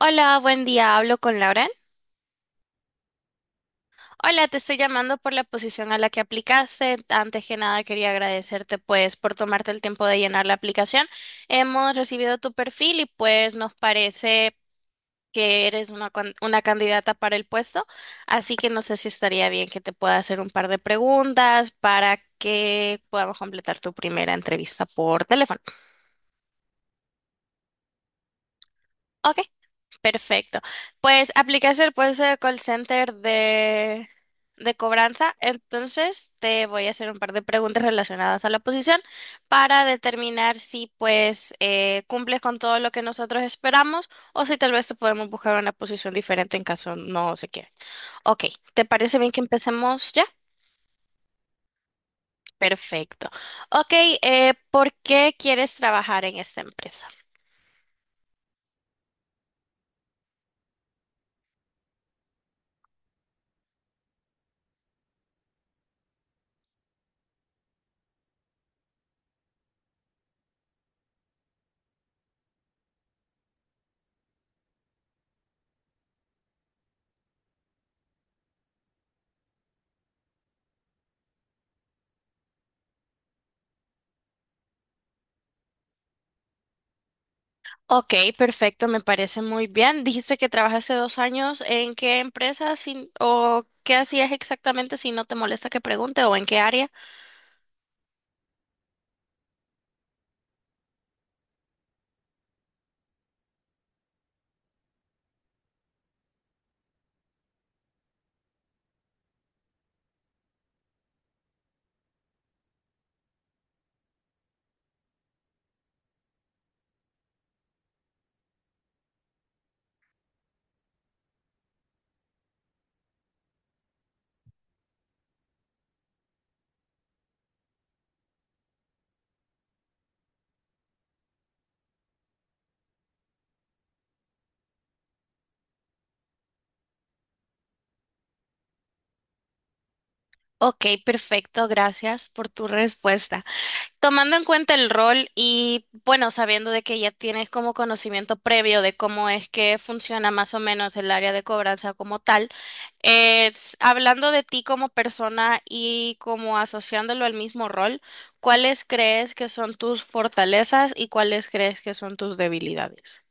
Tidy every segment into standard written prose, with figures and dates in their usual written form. Hola, buen día. Hablo con Lauren. Hola, te estoy llamando por la posición a la que aplicaste. Antes que nada, quería agradecerte pues por tomarte el tiempo de llenar la aplicación. Hemos recibido tu perfil y pues nos parece que eres una, una candidata para el puesto, así que no sé si estaría bien que te pueda hacer un par de preguntas para que podamos completar tu primera entrevista por teléfono. ¿Ok? Perfecto. Pues aplicaste el puesto de call center de cobranza. Entonces te voy a hacer un par de preguntas relacionadas a la posición para determinar si pues cumples con todo lo que nosotros esperamos o si tal vez te podemos buscar una posición diferente en caso no se quede. Ok, ¿te parece bien que empecemos ya? Perfecto. Ok, ¿por qué quieres trabajar en esta empresa? Ok, perfecto, me parece muy bien. Dijiste que trabajaste 2 años. ¿En qué empresa o qué hacías exactamente si no te molesta que pregunte o en qué área? Ok, perfecto, gracias por tu respuesta. Tomando en cuenta el rol y bueno, sabiendo de que ya tienes como conocimiento previo de cómo es que funciona más o menos el área de cobranza como tal, es hablando de ti como persona y como asociándolo al mismo rol, ¿cuáles crees que son tus fortalezas y cuáles crees que son tus debilidades?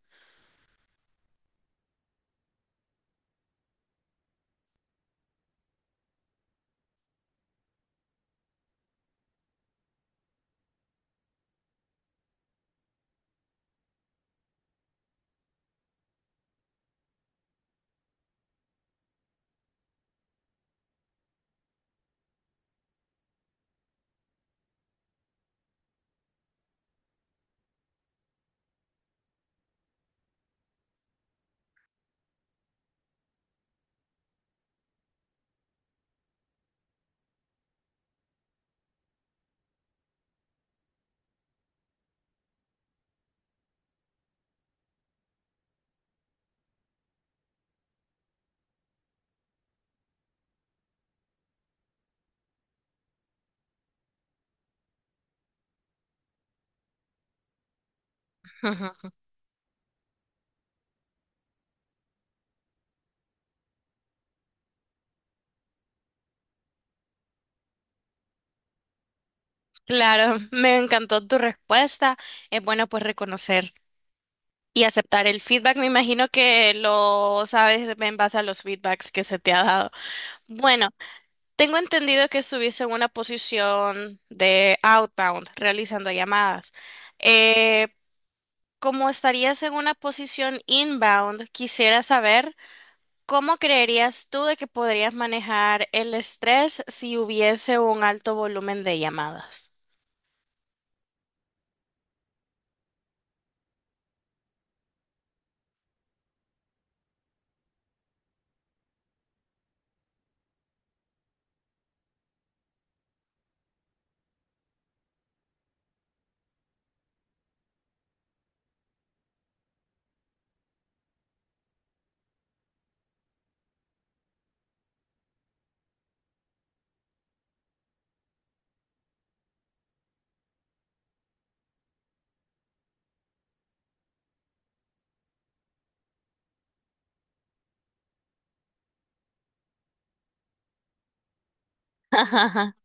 Ujú. Claro, me encantó tu respuesta. Es bueno pues reconocer. Y aceptar el feedback, me imagino que lo sabes en base a los feedbacks que se te ha dado. Bueno, tengo entendido que estuviste en una posición de outbound, realizando llamadas. Eh, como estarías en una posición inbound, quisiera saber cómo creerías tú de que podrías manejar el estrés si hubiese un alto volumen de llamadas.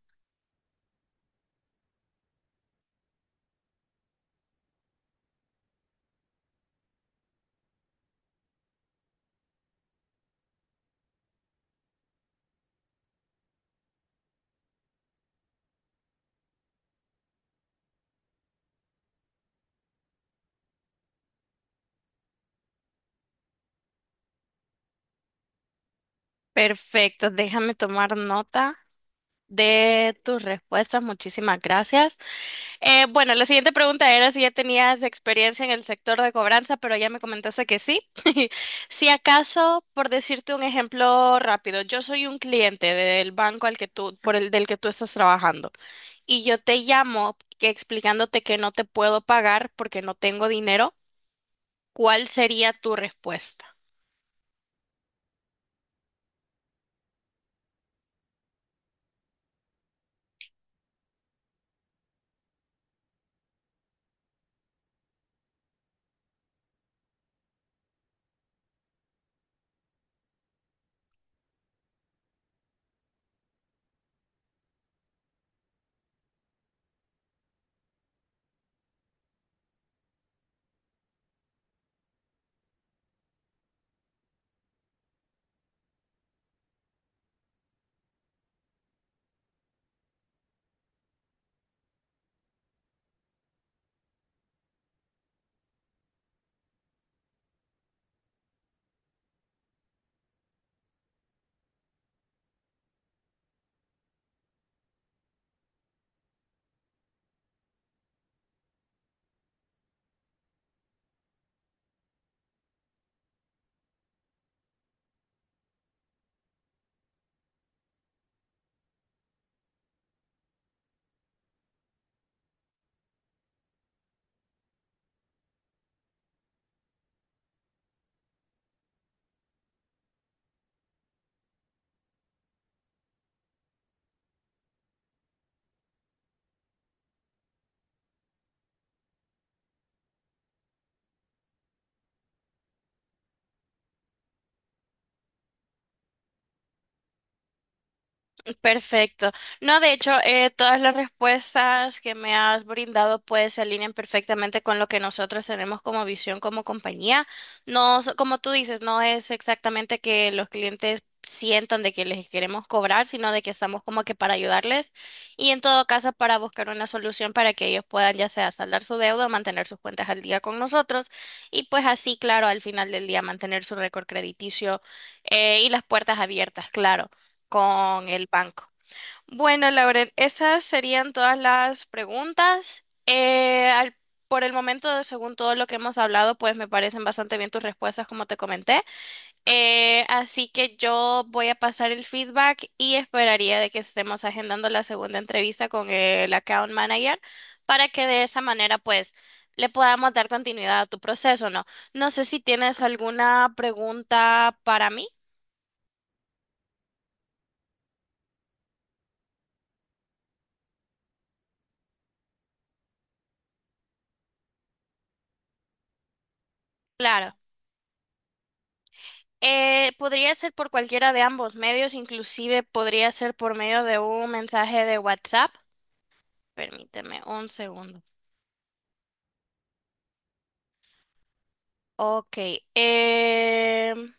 Perfecto, déjame tomar nota de tus respuestas. Muchísimas gracias. Bueno, la siguiente pregunta era si ya tenías experiencia en el sector de cobranza, pero ya me comentaste que sí. Si acaso, por decirte un ejemplo rápido, yo soy un cliente del banco al que tú, por el del que tú estás trabajando, y yo te llamo explicándote que no te puedo pagar porque no tengo dinero, ¿cuál sería tu respuesta? Perfecto. No, de hecho, todas las respuestas que me has brindado pues se alinean perfectamente con lo que nosotros tenemos como visión como compañía. No, como tú dices, no es exactamente que los clientes sientan de que les queremos cobrar, sino de que estamos como que para ayudarles y en todo caso para buscar una solución para que ellos puedan ya sea saldar su deuda o mantener sus cuentas al día con nosotros y pues así, claro, al final del día mantener su récord crediticio y las puertas abiertas, claro con el banco. Bueno, Lauren, esas serían todas las preguntas. Por el momento, según todo lo que hemos hablado, pues me parecen bastante bien tus respuestas, como te comenté. Así que yo voy a pasar el feedback y esperaría de que estemos agendando la segunda entrevista con el account manager para que de esa manera, pues, le podamos dar continuidad a tu proceso, ¿no? No sé si tienes alguna pregunta para mí. Claro. Podría ser por cualquiera de ambos medios, inclusive podría ser por medio de un mensaje de WhatsApp. Permíteme un segundo. Ok. em,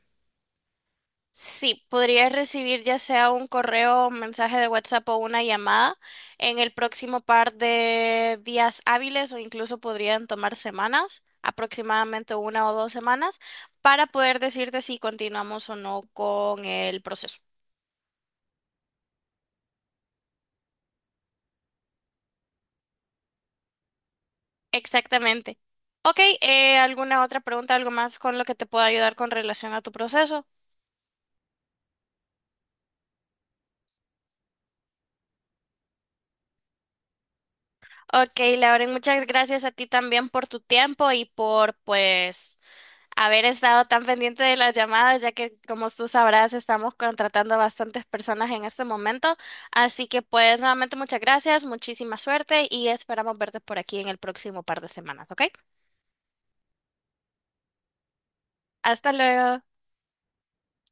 sí, podría recibir ya sea un correo, un mensaje de WhatsApp o una llamada en el próximo par de días hábiles o incluso podrían tomar semanas, aproximadamente una o 2 semanas, para poder decirte si continuamos o no con el proceso. Exactamente. Ok, ¿alguna otra pregunta, algo más con lo que te pueda ayudar con relación a tu proceso? Ok, Lauren, muchas gracias a ti también por tu tiempo y por, pues, haber estado tan pendiente de las llamadas, ya que, como tú sabrás, estamos contratando a bastantes personas en este momento. Así que, pues, nuevamente muchas gracias, muchísima suerte y esperamos verte por aquí en el próximo par de semanas, ¿ok? Hasta luego.